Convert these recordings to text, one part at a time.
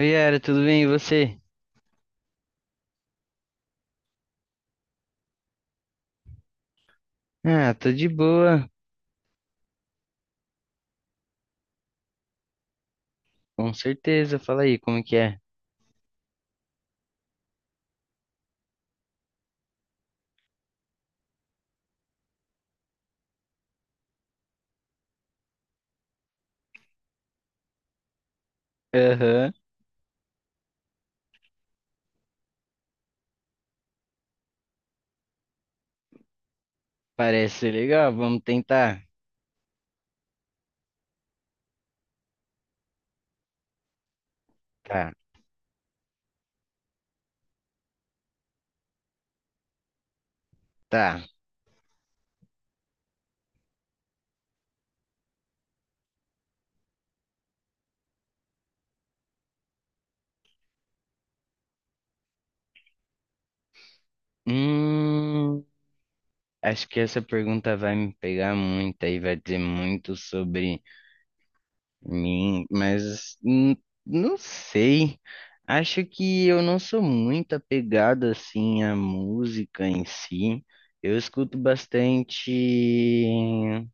Oi, Yara, tudo bem? E você? Ah, tô de boa, com certeza. Fala aí, como que é? Aham, parece ser legal, vamos tentar. Tá, tá. Hum, Acho que essa pergunta vai me pegar muito aí, vai dizer muito sobre mim, mas não sei. Acho que eu não sou muito apegado assim à música em si. Eu escuto bastante.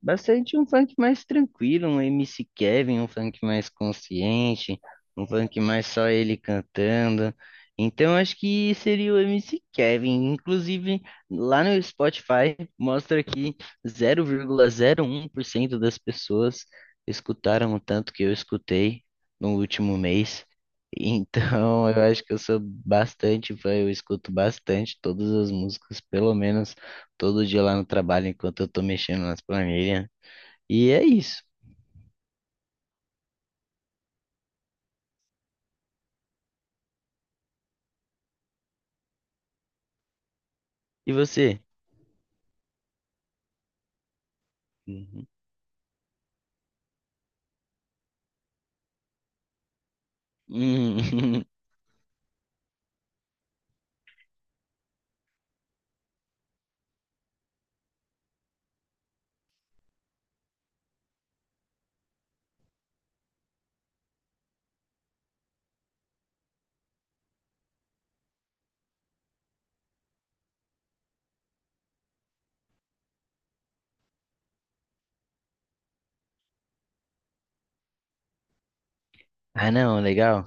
Bastante um funk mais tranquilo, um MC Kevin, um funk mais consciente, um funk mais só ele cantando. Então acho que seria o MC Kevin. Inclusive, lá no Spotify mostra que 0,01% das pessoas escutaram o tanto que eu escutei no último mês. Então, eu acho que eu sou bastante fã, eu escuto bastante todas as músicas, pelo menos todo dia lá no trabalho, enquanto eu tô mexendo nas planilhas. E é isso. E você? Uhum. Hum. Ah, não, legal.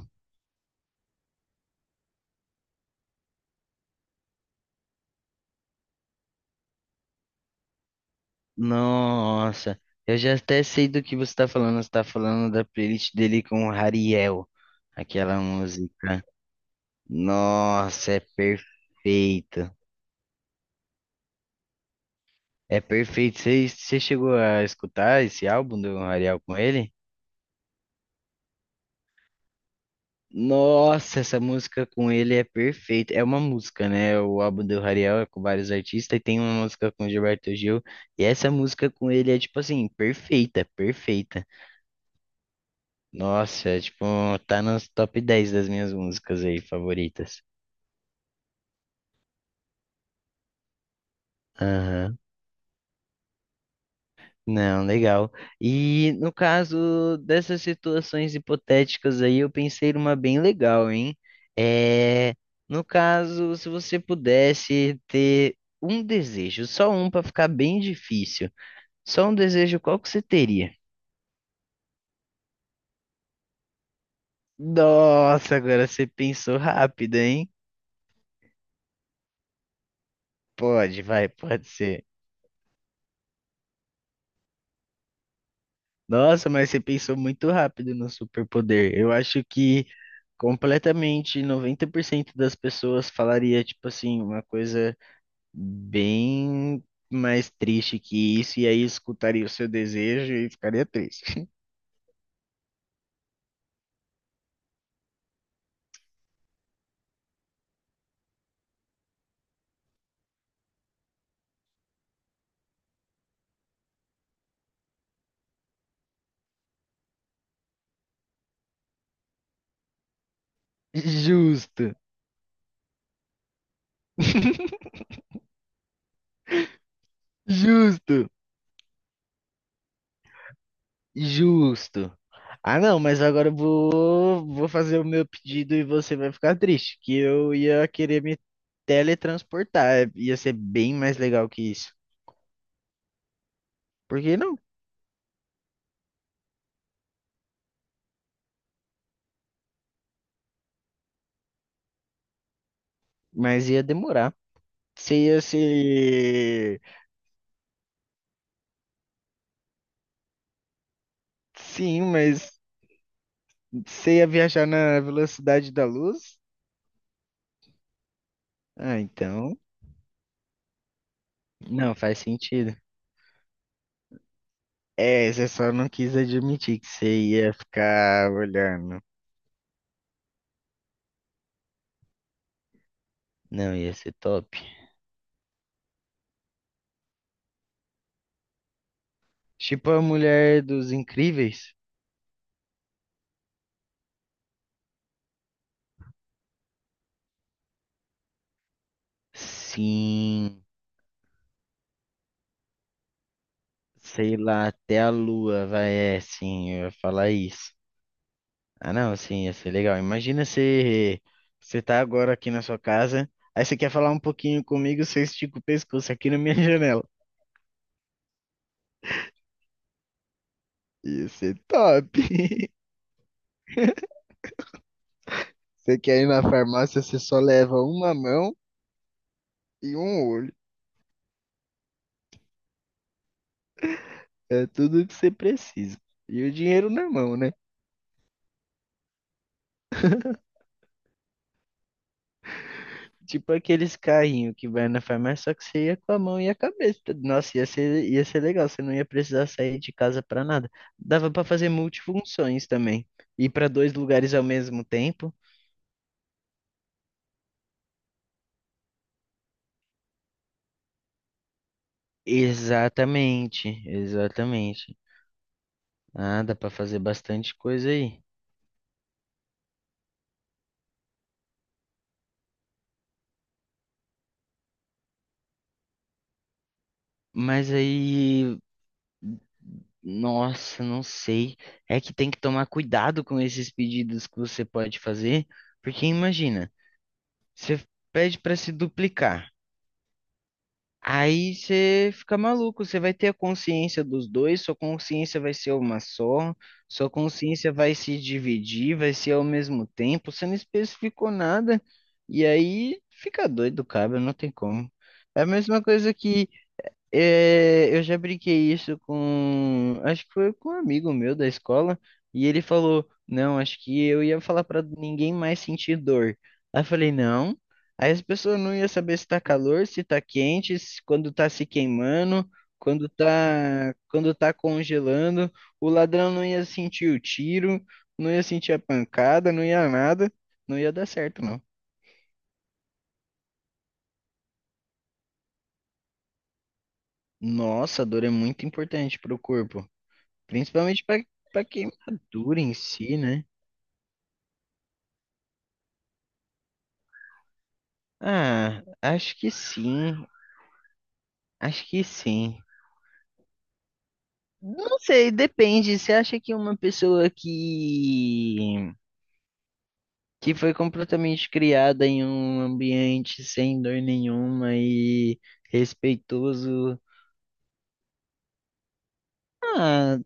Nossa, eu já até sei do que você tá falando. Você tá falando da playlist dele com o Hariel, aquela música. Nossa, é perfeito. É perfeito. Você chegou a escutar esse álbum do Hariel com ele? Nossa, essa música com ele é perfeita. É uma música, né? O álbum do Rariel é com vários artistas e tem uma música com o Gilberto Gil. E essa música com ele é tipo assim, perfeita, perfeita. Nossa, é, tipo, tá nos top 10 das minhas músicas aí favoritas. Aham. Não, legal. E no caso dessas situações hipotéticas aí, eu pensei numa bem legal, hein? É, no caso, se você pudesse ter um desejo, só um para ficar bem difícil, só um desejo, qual que você teria? Nossa, agora você pensou rápido, hein? Pode, vai, pode ser. Nossa, mas você pensou muito rápido no superpoder. Eu acho que completamente 90% das pessoas falaria, tipo assim, uma coisa bem mais triste que isso, e aí escutaria o seu desejo e ficaria triste. Justo, justo, justo. Ah, não, mas agora eu vou fazer o meu pedido e você vai ficar triste, que eu ia querer me teletransportar, ia ser bem mais legal que isso. Por que não? Mas ia demorar. Você ia se... Sim, mas você ia viajar na velocidade da luz? Ah, então... Não, faz sentido. É, você só não quis admitir que você ia ficar olhando. Não, ia ser top. Tipo a Mulher dos Incríveis? Sim, sei lá, até a lua vai, é, sim, eu ia falar isso. Ah, não, sim, ia ser legal. Imagina você, você tá agora aqui na sua casa, aí você quer falar um pouquinho comigo, você estica o pescoço aqui na minha janela. Ia ser top. Você quer ir na farmácia, você só leva uma mão e um olho. É tudo que você precisa. E o dinheiro na mão, né? Tipo aqueles carrinhos que vai na farmácia, só que você ia com a mão e a cabeça. Nossa, ia ser legal, você não ia precisar sair de casa pra nada. Dava pra fazer multifunções também. Ir pra dois lugares ao mesmo tempo. Exatamente, exatamente. Ah, dá pra fazer bastante coisa aí. Mas aí, nossa, não sei. É que tem que tomar cuidado com esses pedidos que você pode fazer, porque imagina. Você pede para se duplicar. Aí você fica maluco, você vai ter a consciência dos dois, sua consciência vai ser uma só, sua consciência vai se dividir, vai ser ao mesmo tempo, você não especificou nada, e aí fica doido, cara, não tem como. É a mesma coisa que é, eu já brinquei isso com, acho que foi com um amigo meu da escola, e ele falou: não, acho que eu ia falar pra ninguém mais sentir dor. Aí eu falei: não. Aí as pessoas não iam saber se tá calor, se tá quente, quando tá se queimando, quando tá congelando. O ladrão não ia sentir o tiro, não ia sentir a pancada, não ia nada, não ia dar certo, não. Nossa, a dor é muito importante pro corpo. Principalmente para queimadura em si, né? Ah, acho que sim. Acho que sim. Não sei, depende. Você acha que uma pessoa que foi completamente criada em um ambiente sem dor nenhuma e respeitoso, ah,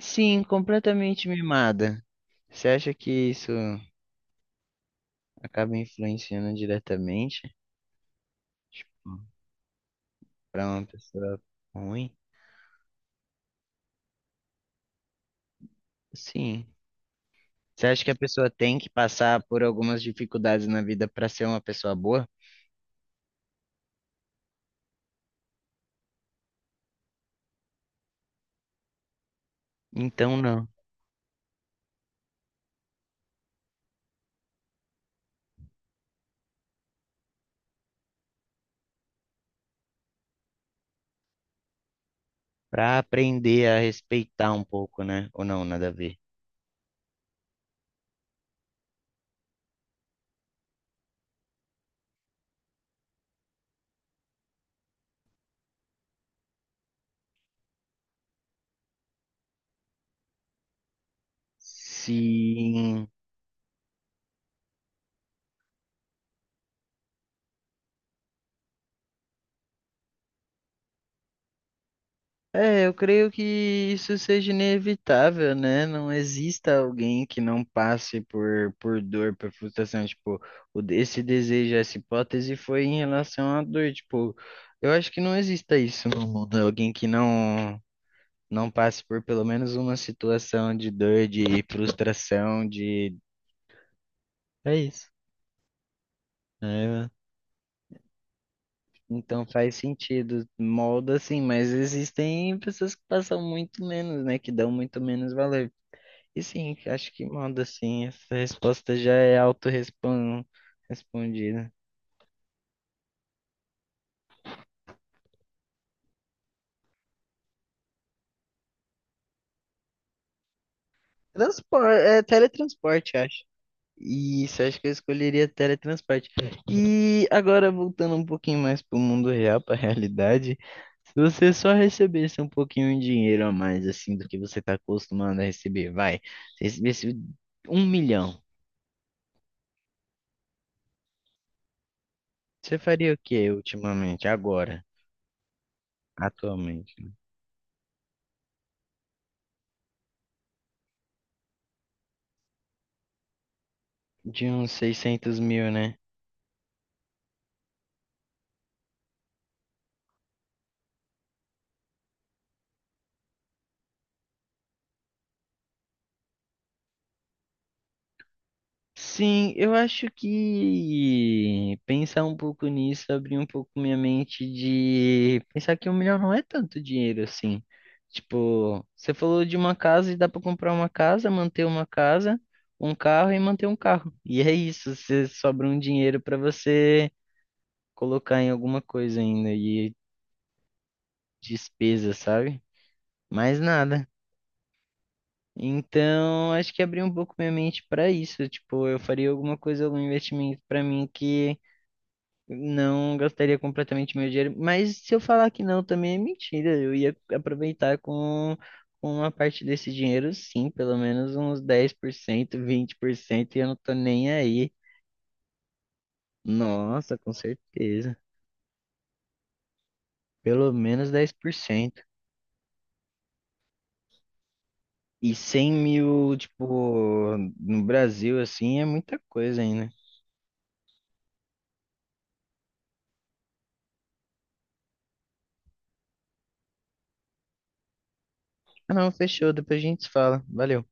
sim, completamente mimada. Você acha que isso acaba influenciando diretamente, tipo, para uma pessoa ruim? Sim. Você acha que a pessoa tem que passar por algumas dificuldades na vida para ser uma pessoa boa? Então não. Para aprender a respeitar um pouco, né? Ou não, nada a ver. Sim. É, eu creio que isso seja inevitável, né? Não exista alguém que não passe por dor, por frustração. Tipo, o, esse desejo, essa hipótese foi em relação à dor. Tipo, eu acho que não exista isso no mundo. Alguém que não. Não passe por pelo menos uma situação de dor, de frustração, de. É isso. É, então faz sentido, molda assim, mas existem pessoas que passam muito menos, né? Que dão muito menos valor. E sim, acho que molda sim, essa resposta já é autorrespondida. Transporte, é teletransporte, acho. Isso, acho que eu escolheria teletransporte. E agora, voltando um pouquinho mais para o mundo real, para a realidade, se você só recebesse um pouquinho de dinheiro a mais, assim, do que você está acostumado a receber, vai, se recebesse 1 milhão, você faria o que ultimamente, agora, atualmente? De uns 600 mil, né? Sim, eu acho que pensar um pouco nisso abriu um pouco minha mente de pensar que 1 milhão não é tanto dinheiro assim. Tipo, você falou de uma casa e dá pra comprar uma casa, manter uma casa, um carro e manter um carro. E é isso, você sobra um dinheiro pra você colocar em alguma coisa ainda e despesa, sabe? Mais nada. Então, acho que abriu um pouco minha mente pra isso. Tipo, eu faria alguma coisa, algum investimento pra mim que não gastaria completamente meu dinheiro, mas se eu falar que não, também é mentira. Eu ia aproveitar com uma parte desse dinheiro, sim, pelo menos uns 10%, 20%, e eu não tô nem aí. Nossa, com certeza. Pelo menos 10%. E 100 mil, tipo, no Brasil, assim, é muita coisa ainda. Ah, não, fechou, depois a gente se fala. Valeu.